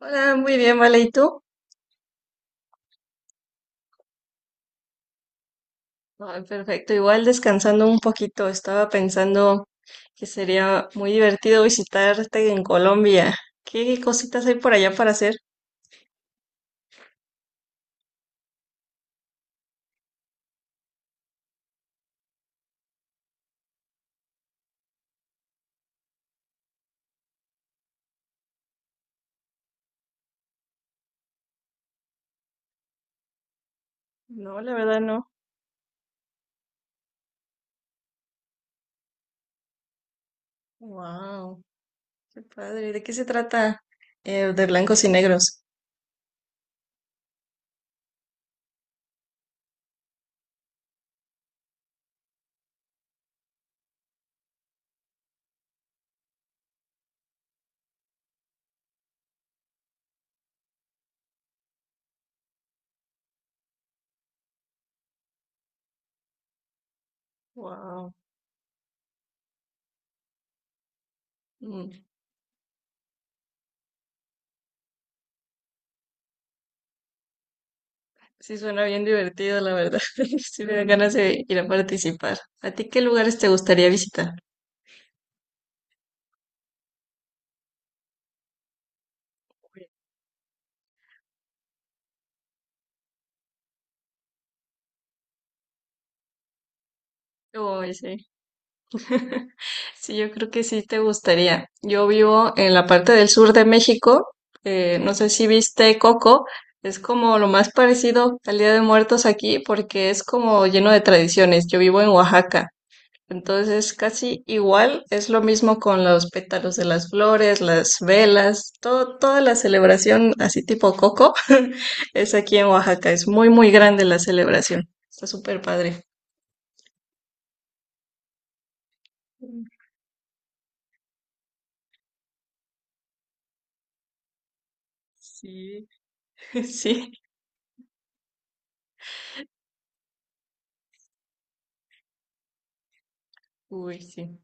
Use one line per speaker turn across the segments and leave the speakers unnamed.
Hola, muy bien, vale, ¿y tú? Ay, perfecto, igual descansando un poquito, estaba pensando que sería muy divertido visitarte en Colombia. ¿Qué cositas hay por allá para hacer? No, la verdad no. Wow, qué padre. ¿De qué se trata? De blancos y negros. Wow. Sí, suena bien divertido, la verdad. Sí, me dan ganas de ir a participar. ¿A ti qué lugares te gustaría visitar? Uy, sí. Sí, yo creo que sí te gustaría. Yo vivo en la parte del sur de México. No sé si viste Coco. Es como lo más parecido al Día de Muertos aquí porque es como lleno de tradiciones. Yo vivo en Oaxaca. Entonces, casi igual es lo mismo con los pétalos de las flores, las velas, todo, toda la celebración así tipo Coco es aquí en Oaxaca. Es muy, muy grande la celebración. Está súper padre. Sí, sí. Uy, sí.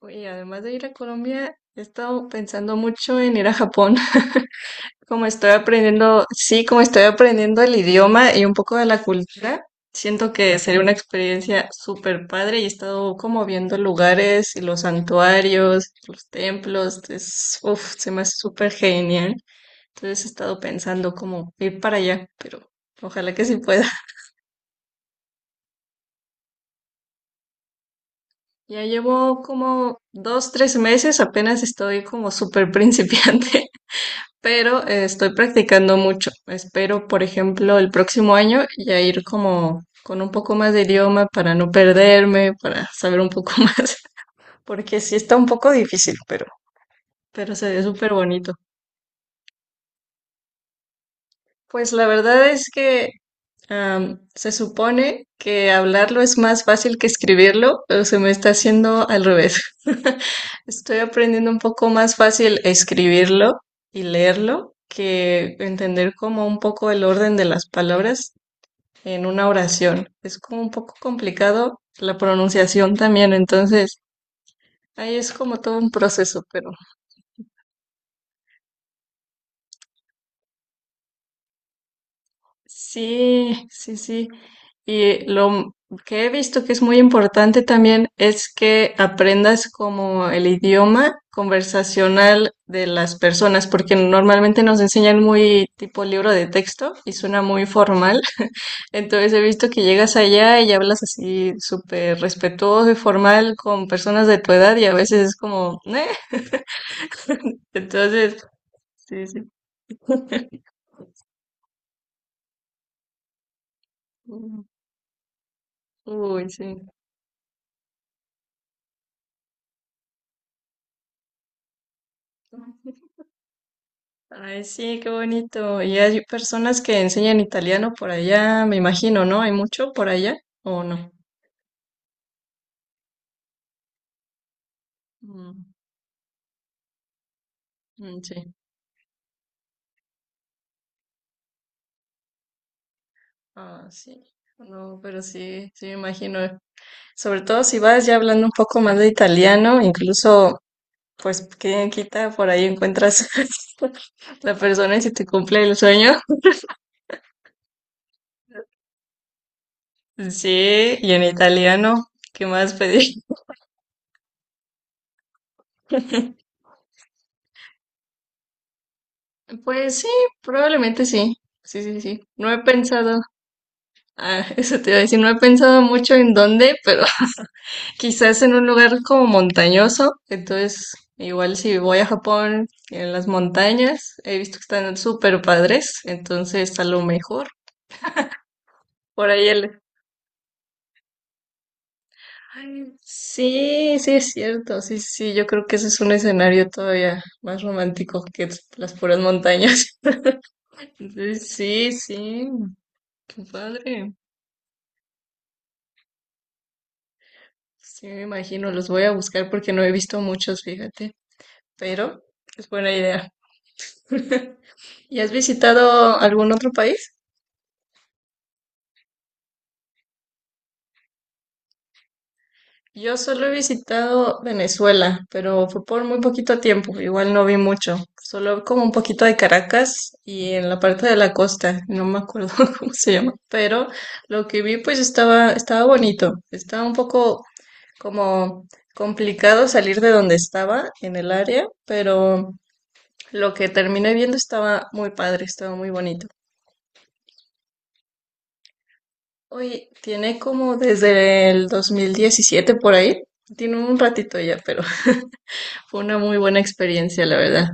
Oye, además de ir a Colombia, he estado pensando mucho en ir a Japón. Como estoy aprendiendo, sí, como estoy aprendiendo el idioma y un poco de la cultura, siento que sería una experiencia súper padre y he estado como viendo lugares y los santuarios, los templos, es, uf, se me hace súper genial. Entonces he estado pensando como ir para allá, pero ojalá que sí pueda. Ya llevo como dos, tres meses, apenas estoy como súper principiante. Pero estoy practicando mucho. Espero, por ejemplo, el próximo año ya ir como con un poco más de idioma para no perderme, para saber un poco más, porque sí está un poco difícil, pero se ve súper bonito. Pues la verdad es que se supone que hablarlo es más fácil que escribirlo, pero se me está haciendo al revés. Estoy aprendiendo un poco más fácil escribirlo y leerlo que entender como un poco el orden de las palabras en una oración. Es como un poco complicado la pronunciación también, entonces ahí es como todo un proceso, pero sí, sí, sí. Y lo m- que he visto que es muy importante también es que aprendas como el idioma conversacional de las personas, porque normalmente nos enseñan muy tipo libro de texto y suena muy formal. Entonces he visto que llegas allá y hablas así súper respetuoso y formal con personas de tu edad y a veces es como, "". Entonces, sí, sí. Uy, sí. Ay, sí, qué bonito. Y hay personas que enseñan italiano por allá, me imagino, ¿no? ¿Hay mucho por allá o no? Mm, mm, sí. Ah, sí. No, pero sí, sí me imagino. Sobre todo si vas ya hablando un poco más de italiano, incluso, pues, ¿quién quita? Por ahí encuentras la persona y si te cumple el sueño. Sí, y en italiano, ¿qué más pedir? Pues sí, probablemente sí. Sí, sí, sí. No he pensado. Ah, eso te iba a decir, no he pensado mucho en dónde, pero quizás en un lugar como montañoso. Entonces, igual si voy a Japón, en las montañas, he visto que están súper padres, entonces a lo mejor por ahí el... Ay, sí, sí es cierto, sí, sí, sí, yo creo que ese es un escenario todavía más romántico que las puras montañas. Entonces, sí, sí, qué padre. Sí, me imagino, los voy a buscar porque no he visto muchos, fíjate, pero es buena idea. ¿Y has visitado algún otro país? Yo solo he visitado Venezuela, pero fue por muy poquito tiempo, igual no vi mucho, solo como un poquito de Caracas y en la parte de la costa, no me acuerdo cómo se llama, pero lo que vi pues estaba bonito, estaba un poco como complicado salir de donde estaba en el área, pero lo que terminé viendo estaba muy padre, estaba muy bonito. Oye, tiene como desde el 2017 por ahí. Tiene un ratito ya, pero fue una muy buena experiencia, la verdad.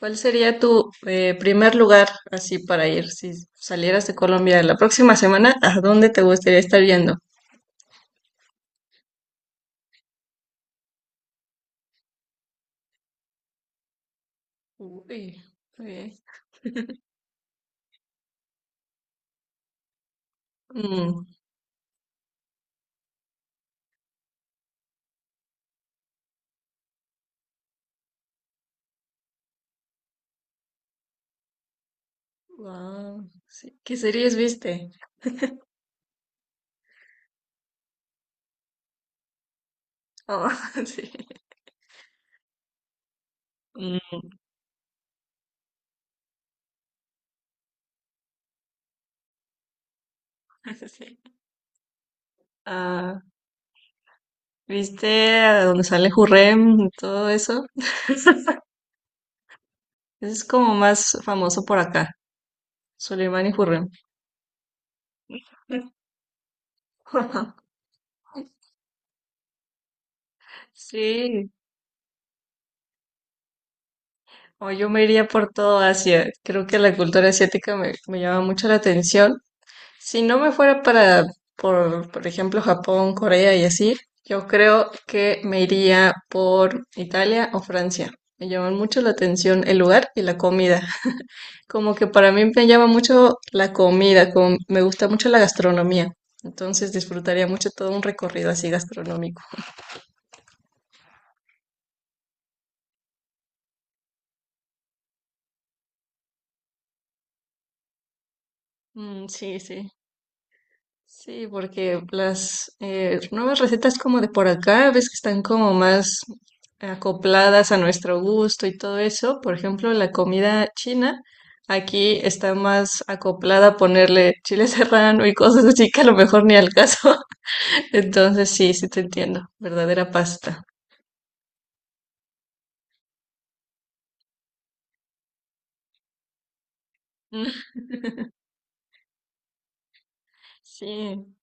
¿Cuál sería tu primer lugar así para ir si salieras de Colombia la próxima semana? ¿A dónde te gustaría estar yendo? Uy, ok. Mm, wow, sí. ¿Qué series viste? Ah, sí. Mm, sí. Ah, ¿viste a donde sale Jurrem y todo eso? Es como más famoso por acá. Soleimán y Hürrem. Sí, o yo me iría por todo Asia. Creo que la cultura asiática me llama mucho la atención. Si no me fuera para, Por ejemplo, Japón, Corea y así, yo creo que me iría por Italia o Francia. Me llaman mucho la atención el lugar y la comida. Como que para mí me llama mucho la comida, como me gusta mucho la gastronomía. Entonces disfrutaría mucho todo un recorrido así gastronómico. Mm, sí, sí. Sí, porque las nuevas recetas como de por acá, ves que están como más acopladas a nuestro gusto y todo eso. Por ejemplo, la comida china aquí está más acoplada a ponerle chile serrano y cosas así que a lo mejor ni al caso. Entonces sí, sí te entiendo. Verdadera pasta. Sí.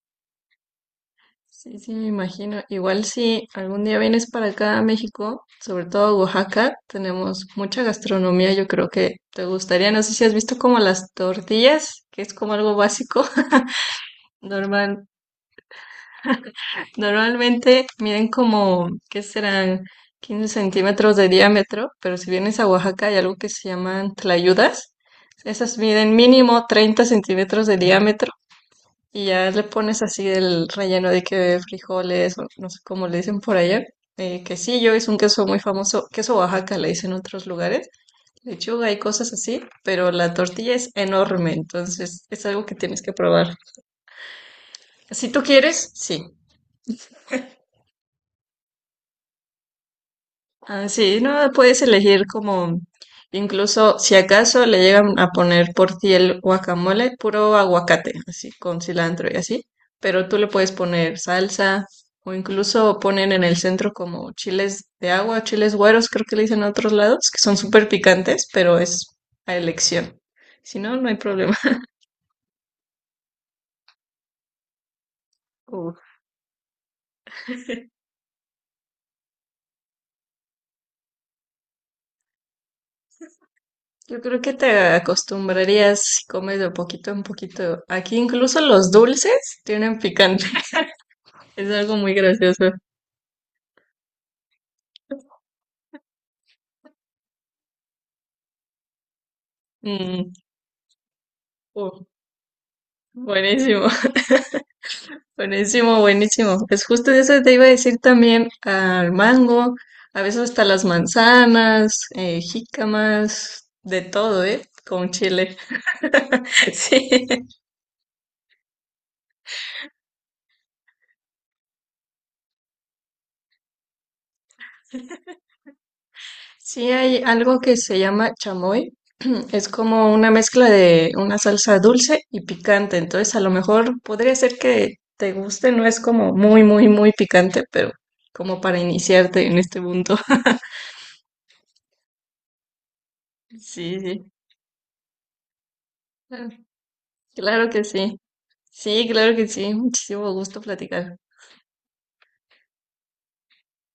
Sí, sí, me imagino. Igual si algún día vienes para acá a México, sobre todo a Oaxaca, tenemos mucha gastronomía, yo creo que te gustaría. No sé si has visto como las tortillas, que es como algo básico. Normal, Normalmente miden como, ¿qué serán? 15 centímetros de diámetro, pero si vienes a Oaxaca hay algo que se llaman tlayudas. Esas miden mínimo 30 centímetros de diámetro y ya le pones así el relleno de que frijoles, o no sé cómo le dicen por allá. Quesillo es un queso muy famoso, queso Oaxaca le dicen en otros lugares, lechuga y cosas así, pero la tortilla es enorme, entonces es algo que tienes que probar. Si tú quieres, sí. Ah, sí, no puedes elegir como, incluso si acaso le llegan a poner por ti el guacamole, puro aguacate, así con cilantro y así, pero tú le puedes poner salsa o incluso ponen en el centro como chiles de agua, chiles güeros, creo que le dicen en otros lados, que son súper picantes, pero es a elección. Si no, no hay problema. Uf. Yo creo que te acostumbrarías si comes de poquito en poquito. Aquí incluso los dulces tienen picante. Es algo muy gracioso. Mm, uh, buenísimo, buenísimo, buenísimo. Pues justo de eso te iba a decir también al mango, a veces hasta las manzanas, jícamas, de todo, ¿eh? Con chile. Sí, sí hay algo que se llama chamoy. Es como una mezcla de una salsa dulce y picante. Entonces, a lo mejor podría ser que te guste, no es como muy, muy, muy picante, pero como para iniciarte en este punto. Sí, sí. Ah, claro que sí. Sí, claro que sí. Muchísimo gusto platicar.